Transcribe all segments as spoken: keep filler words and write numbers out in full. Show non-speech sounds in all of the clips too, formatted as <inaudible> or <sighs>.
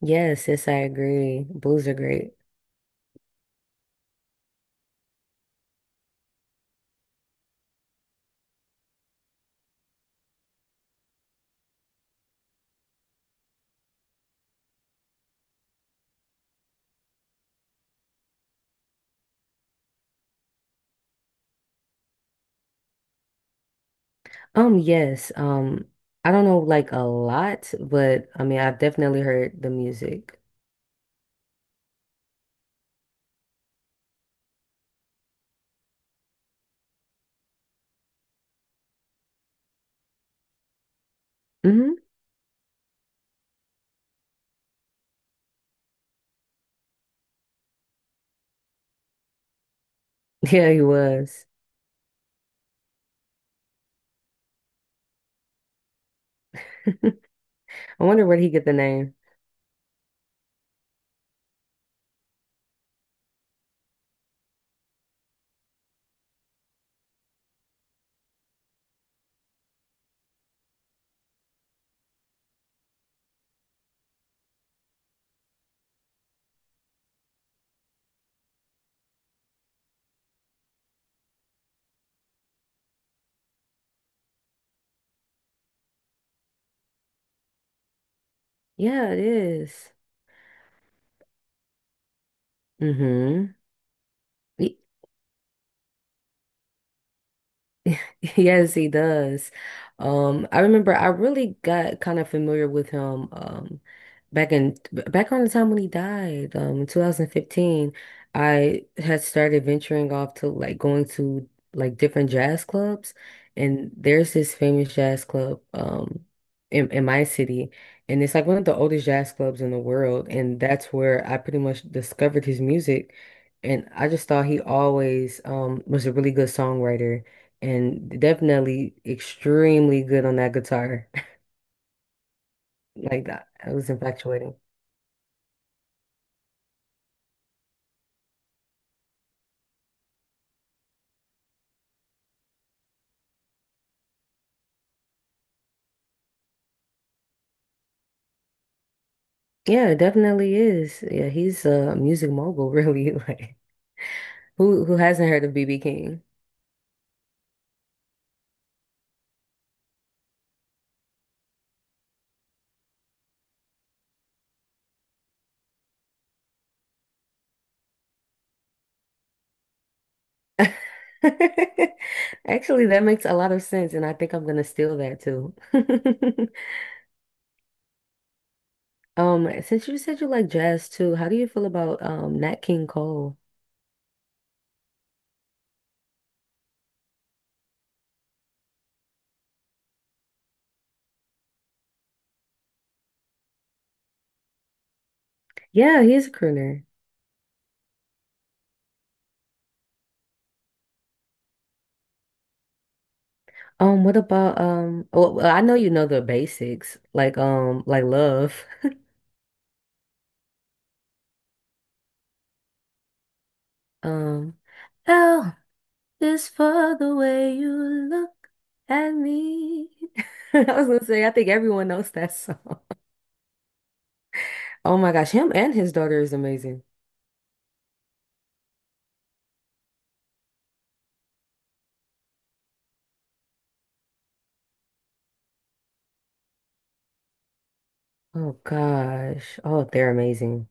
Yes, yes, I agree. Blues are great. Um, yes, um, I don't know like a lot, but I mean, I've definitely heard the music. Mm-hmm. <laughs> Yeah, he was. I wonder where he get the name. Yeah, it is. Mm-hmm. <laughs> Yes, he does. Um, I remember I really got kind of familiar with him um back in back around the time when he died, um in two thousand fifteen. I had started venturing off to like going to like different jazz clubs and there's this famous jazz club um in, in my city and it's like one of the oldest jazz clubs in the world and that's where I pretty much discovered his music and I just thought he always um was a really good songwriter and definitely extremely good on that guitar. <laughs> Like that, it was infatuating. Yeah, it definitely is. Yeah, he's a music mogul, really. <laughs> Like, who who hasn't heard of B B King? <laughs> Actually, that makes a lot of sense, and I think I'm gonna steal that too. <laughs> Um, since you said you like jazz too, how do you feel about um Nat King Cole? Yeah, he's a crooner. Um, what about um? Well, well, I know you know the basics, like um, like Love. Um, L is for the way you look at me. <laughs> I was gonna say, I think everyone knows that song. <laughs> Oh my gosh, him and his daughter is amazing. Oh gosh. Oh, they're amazing.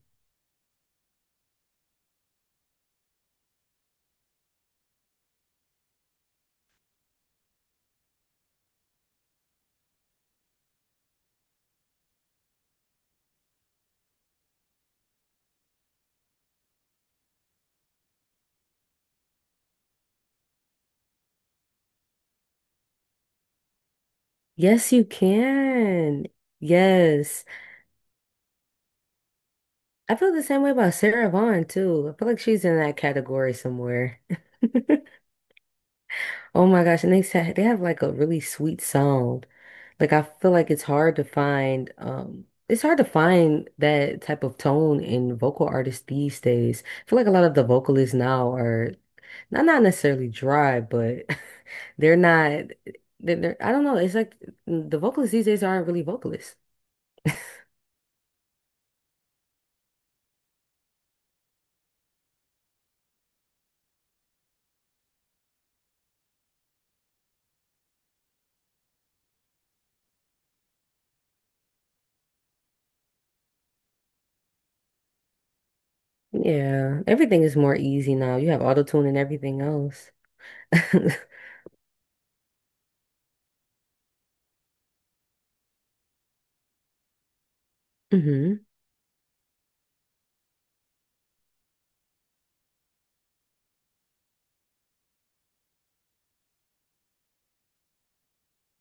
Yes, you can. Yes. I feel the same way about Sarah Vaughan too. I feel like she's in that category somewhere. <laughs> Oh my gosh, and they sa they have like a really sweet sound. Like I feel like it's hard to find um it's hard to find that type of tone in vocal artists these days. I feel like a lot of the vocalists now are not not necessarily dry, but <laughs> they're not they're, they're I don't know, it's like the vocalists these days aren't really vocalists. Yeah, everything is more easy now. You have auto tune and everything else. <laughs> Hmm.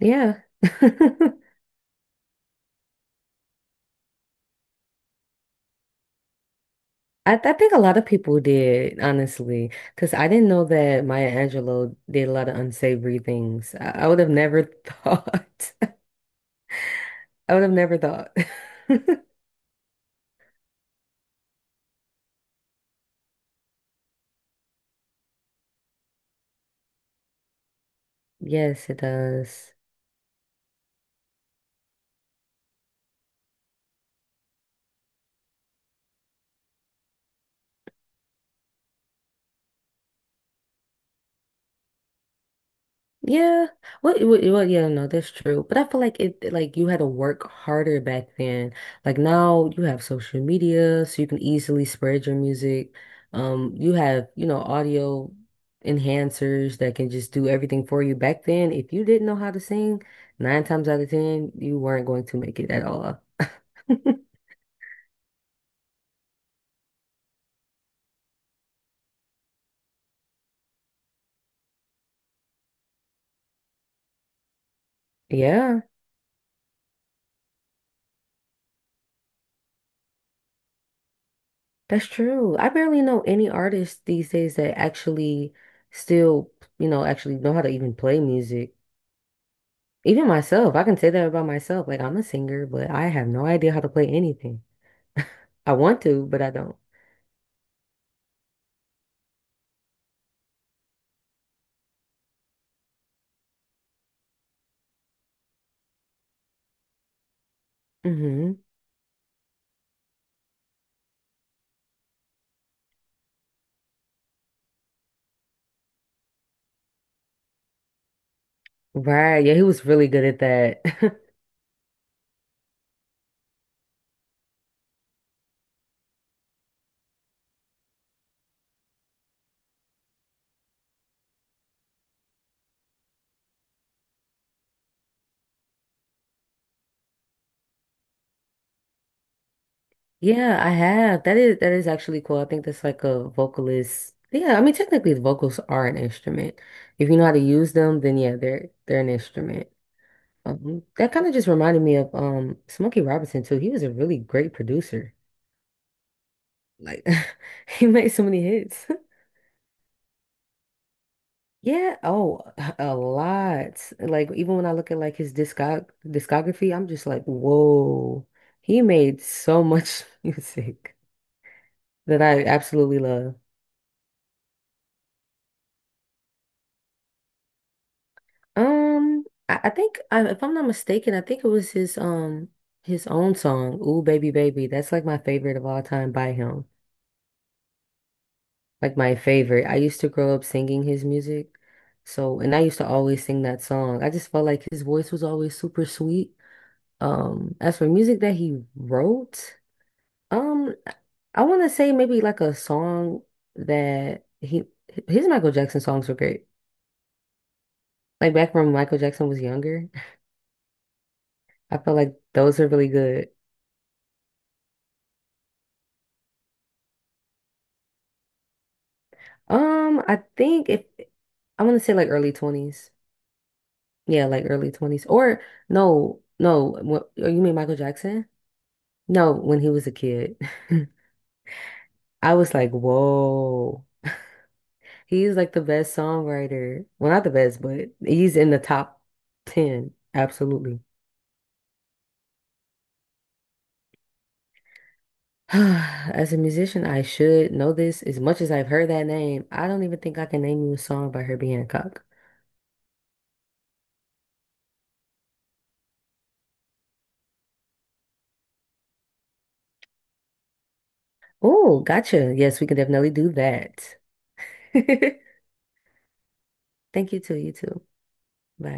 Yeah. <laughs> I, I think a lot of people did, honestly, because I didn't know that Maya Angelou did a lot of unsavory things. I, I would have never <laughs> thought. I would have never thought. <laughs> Yes, it does. Yeah. What, what, well, yeah, no, that's true. But I feel like it, like you had to work harder back then. Like now you have social media, so you can easily spread your music. Um, you have, you know, audio enhancers that can just do everything for you. Back then, if you didn't know how to sing, nine times out of ten, you weren't going to make it at all. <laughs> Yeah, that's true. I barely know any artists these days that actually still, you know, actually know how to even play music. Even myself, I can say that about myself. Like I'm a singer, but I have no idea how to play anything. I want to, but I don't. Hmm. Right. Yeah, he was really good at that. <laughs> Yeah, I have. That is that is actually cool. I think that's like a vocalist. Yeah, I mean technically the vocals are an instrument. If you know how to use them, then yeah, they're they're an instrument. Um, that kind of just reminded me of um Smokey Robinson too. He was a really great producer. Like <laughs> he made so many hits. Yeah, oh, <laughs> a lot. Like even when I look at like his discog discography, I'm just like, whoa. He made so much <laughs> music that I absolutely love. Um, I, I think I, if I'm not mistaken, I think it was his um his own song, Ooh Baby Baby. That's like my favorite of all time by him. Like my favorite. I used to grow up singing his music. So, and I used to always sing that song. I just felt like his voice was always super sweet. Um, as for music that he wrote, um, I want to say maybe like a song that he his Michael Jackson songs were great. Like back when Michael Jackson was younger, <laughs> I felt like those are really good. Um, I think if I want to say like early twenties. Yeah, like early twenties or no, no, what, oh, you mean Michael Jackson? No, when he was a kid. <laughs> I was like, "Whoa." He's like the best songwriter. Well, not the best, but he's in the top ten. Absolutely. <sighs> As a musician, I should know this. As much as I've heard that name, I don't even think I can name you a song by Herbie Hancock. Oh, gotcha. Yes, we can definitely do that. <laughs> Thank you too. You too. Bye.